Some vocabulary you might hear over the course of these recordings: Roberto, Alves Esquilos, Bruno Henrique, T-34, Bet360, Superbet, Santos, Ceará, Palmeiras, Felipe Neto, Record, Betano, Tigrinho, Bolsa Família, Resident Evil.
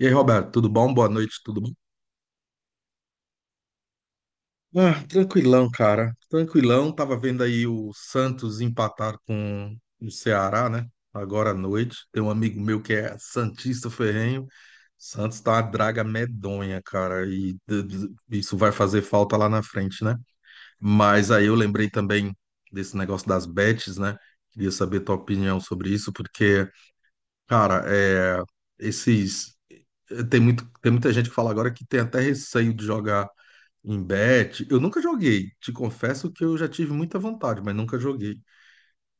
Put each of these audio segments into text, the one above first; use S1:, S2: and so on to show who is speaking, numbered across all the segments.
S1: E aí, Roberto, tudo bom? Boa noite, tudo bom? Ah, tranquilão, cara. Tranquilão. Tava vendo aí o Santos empatar com o Ceará, né? Agora à noite. Tem um amigo meu que é santista ferrenho. Santos tá uma draga medonha, cara. E isso vai fazer falta lá na frente, né? Mas aí eu lembrei também desse negócio das bets, né? Queria saber tua opinião sobre isso, porque, cara, é, esses tem muito, tem muita gente que fala agora que tem até receio de jogar em bet, eu nunca joguei. Te confesso que eu já tive muita vontade, mas nunca joguei.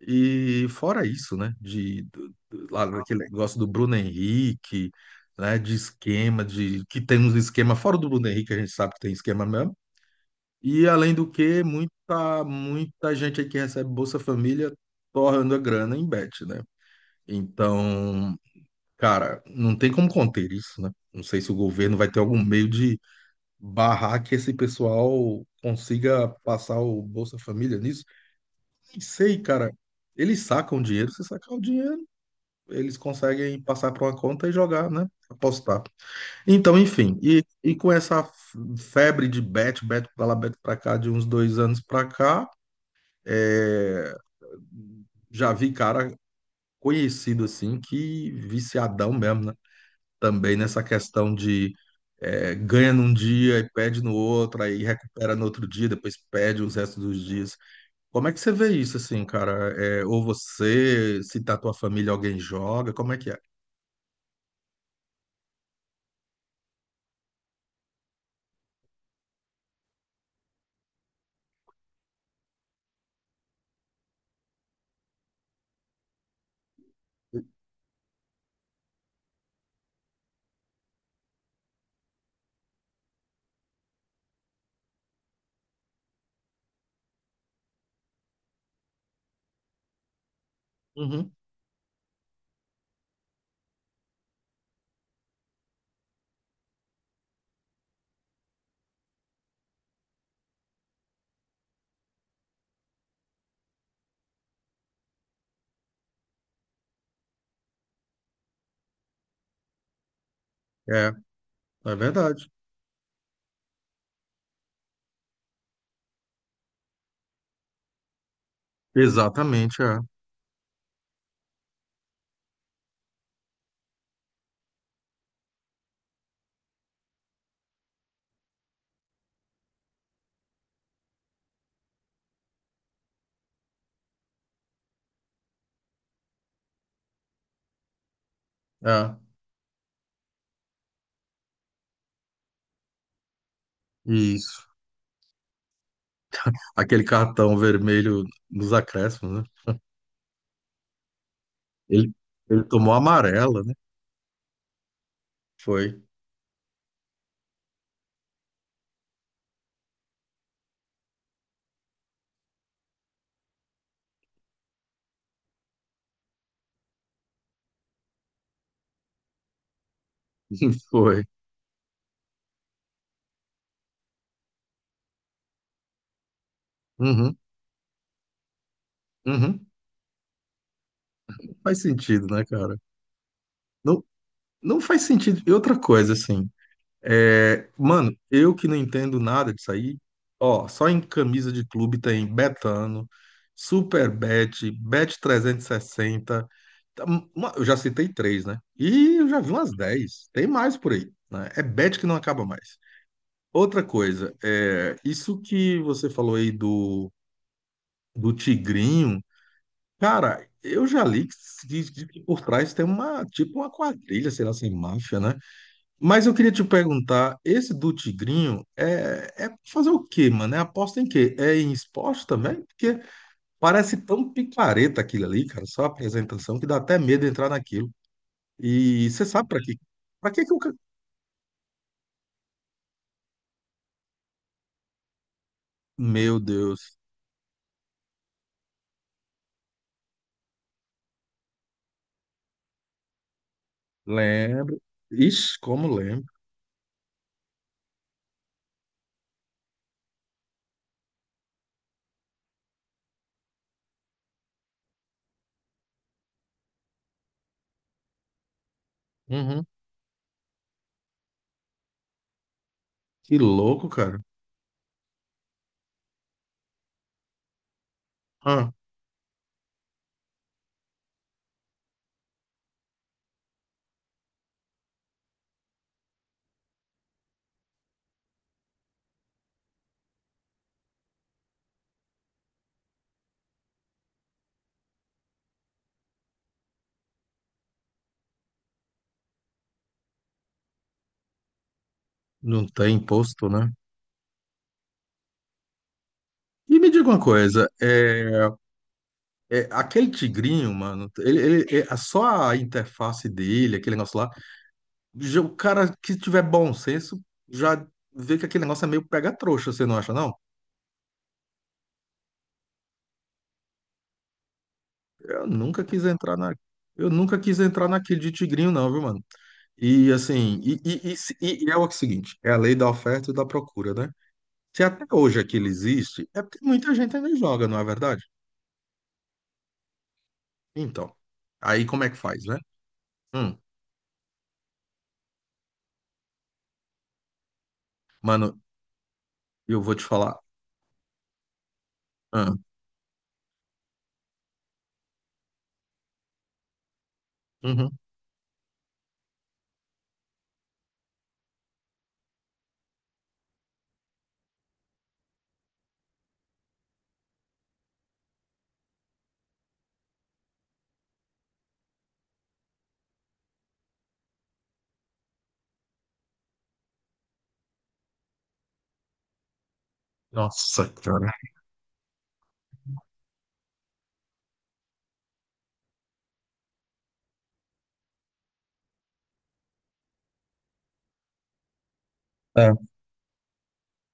S1: E fora isso, né? Lá daquele negócio do Bruno Henrique, né? De esquema, de que tem uns esquema fora do Bruno Henrique, a gente sabe que tem esquema mesmo. E além do que, muita gente aí que recebe Bolsa Família torrando a grana em bet, né? Então, cara, não tem como conter isso, né? Não sei se o governo vai ter algum meio barrar que esse pessoal consiga passar o Bolsa Família nisso. Nem sei, cara. Eles sacam dinheiro, se sacar o dinheiro, eles conseguem passar para uma conta e jogar, né? Apostar. Então, enfim, com essa febre de bet, bet para lá, bet para cá, de uns 2 anos para cá, é, já vi cara conhecido assim, que viciadão mesmo, né? Também nessa questão de é, ganha num dia e perde no outro, aí recupera no outro dia, depois perde os restos dos dias. Como é que você vê isso, assim, cara? É, ou você, se tá tua família, alguém joga, como é que é? Uhum. É, é verdade. Exatamente, é. É, isso. Aquele cartão vermelho nos acréscimos, né? Ele, ele tomou amarela, né? Foi. Foi. Uhum. Uhum. Faz sentido, né, cara? Não, não faz sentido. E outra coisa, assim, é, mano, eu que não entendo nada disso aí, ó, só em camisa de clube tem Betano, Superbet, Bet360, tá, eu já citei três, né? E eu já vi umas 10, tem mais por aí, né? É bet que não acaba mais. Outra coisa, é, isso que você falou aí do, do Tigrinho, cara, eu já li que por trás tem uma, tipo uma quadrilha, sei lá, sem máfia, né? Mas eu queria te perguntar, esse do Tigrinho é, é fazer o quê, mano? É aposta em quê? É em esporte também? Porque parece tão picareta aquilo ali, cara, só a apresentação que dá até medo de entrar naquilo. E você sabe pra quê? Pra quê que o... Meu Deus, lembro. Ixi, como lembro. Uhum. Que louco, cara. Ah, não tem imposto, né? E me diga uma coisa, é, é, aquele tigrinho, mano, é, só a interface dele, aquele negócio lá, o cara que tiver bom senso já vê que aquele negócio é meio pega-trouxa, você não acha, não? Eu nunca quis entrar na. Eu nunca quis entrar naquele de tigrinho, não, viu, mano? E assim, é o seguinte, é a lei da oferta e da procura, né? Se até hoje aquilo existe, é porque muita gente ainda joga, não é verdade? Então, aí como é que faz, né? Hum, mano, eu vou te falar. Ah, uhum. Nossa, cara. É,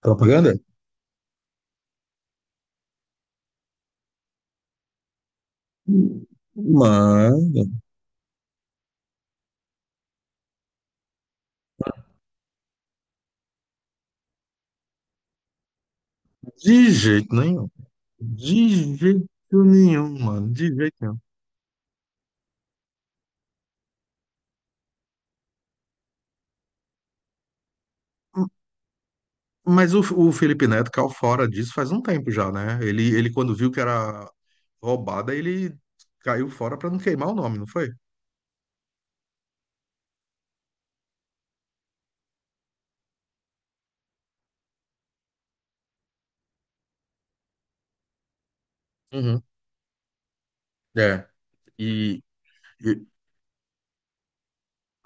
S1: propaganda? Mano, de jeito nenhum. De jeito nenhum, mano. De jeito nenhum. M- Mas o Felipe Neto caiu fora disso faz um tempo já, né? Ele quando viu que era roubada, ele caiu fora pra não queimar o nome, não foi? Uhum. É. E, e,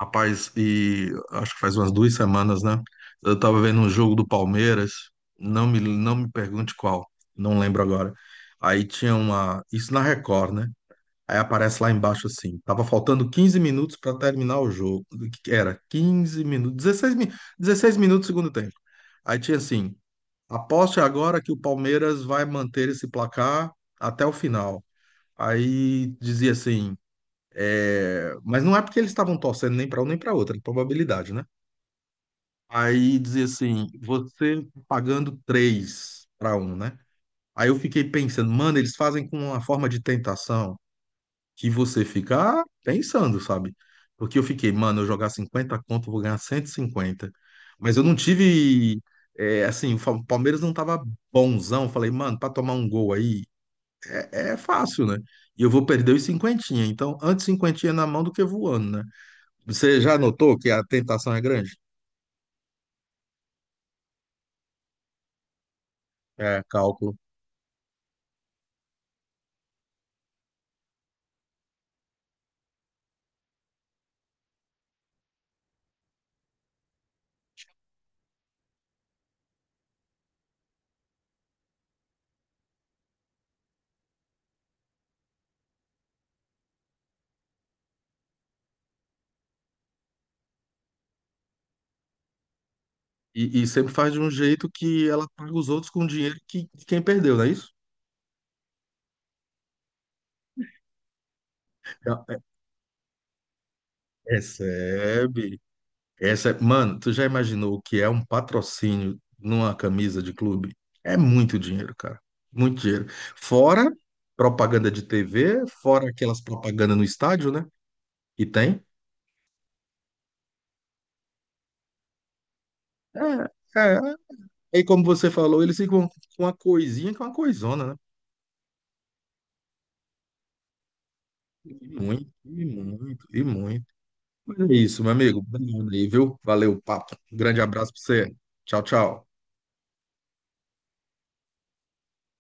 S1: rapaz, e acho que faz umas 2 semanas, né? Eu tava vendo um jogo do Palmeiras, não me pergunte qual, não lembro agora. Aí tinha uma. Isso na Record, né? Aí aparece lá embaixo assim, tava faltando 15 minutos para terminar o jogo. O que que era 15 minutos, 16 minutos do segundo tempo. Aí tinha assim, aposte agora que o Palmeiras vai manter esse placar até o final. Aí dizia assim, é, mas não é porque eles estavam torcendo nem para um nem para outro, é probabilidade, né? Aí dizia assim, você pagando 3-1, né? Aí eu fiquei pensando, mano, eles fazem com uma forma de tentação que você fica ah, pensando, sabe? Porque eu fiquei, mano, eu jogar 50 conto, eu vou ganhar 150. Mas eu não tive. É, assim, o Palmeiras não tava bonzão. Eu falei, mano, pra tomar um gol aí é, é fácil, né? E eu vou perder os cinquentinha. Então, antes cinquentinha na mão do que voando, né? Você já notou que a tentação é grande? É, cálculo. E sempre faz de um jeito que ela paga os outros com dinheiro que, de quem perdeu, não é isso? Ela recebe. Essa, mano, tu já imaginou o que é um patrocínio numa camisa de clube? É muito dinheiro, cara. Muito dinheiro. Fora propaganda de TV, fora aquelas propagandas no estádio, né? E tem. É, é. E como você falou, eles ficam com uma coisinha que é uma coisona, né? E muito, e muito, e muito. Mas é isso, meu amigo. Obrigado aí, viu? Valeu o papo. Um grande abraço pra você. Tchau, tchau.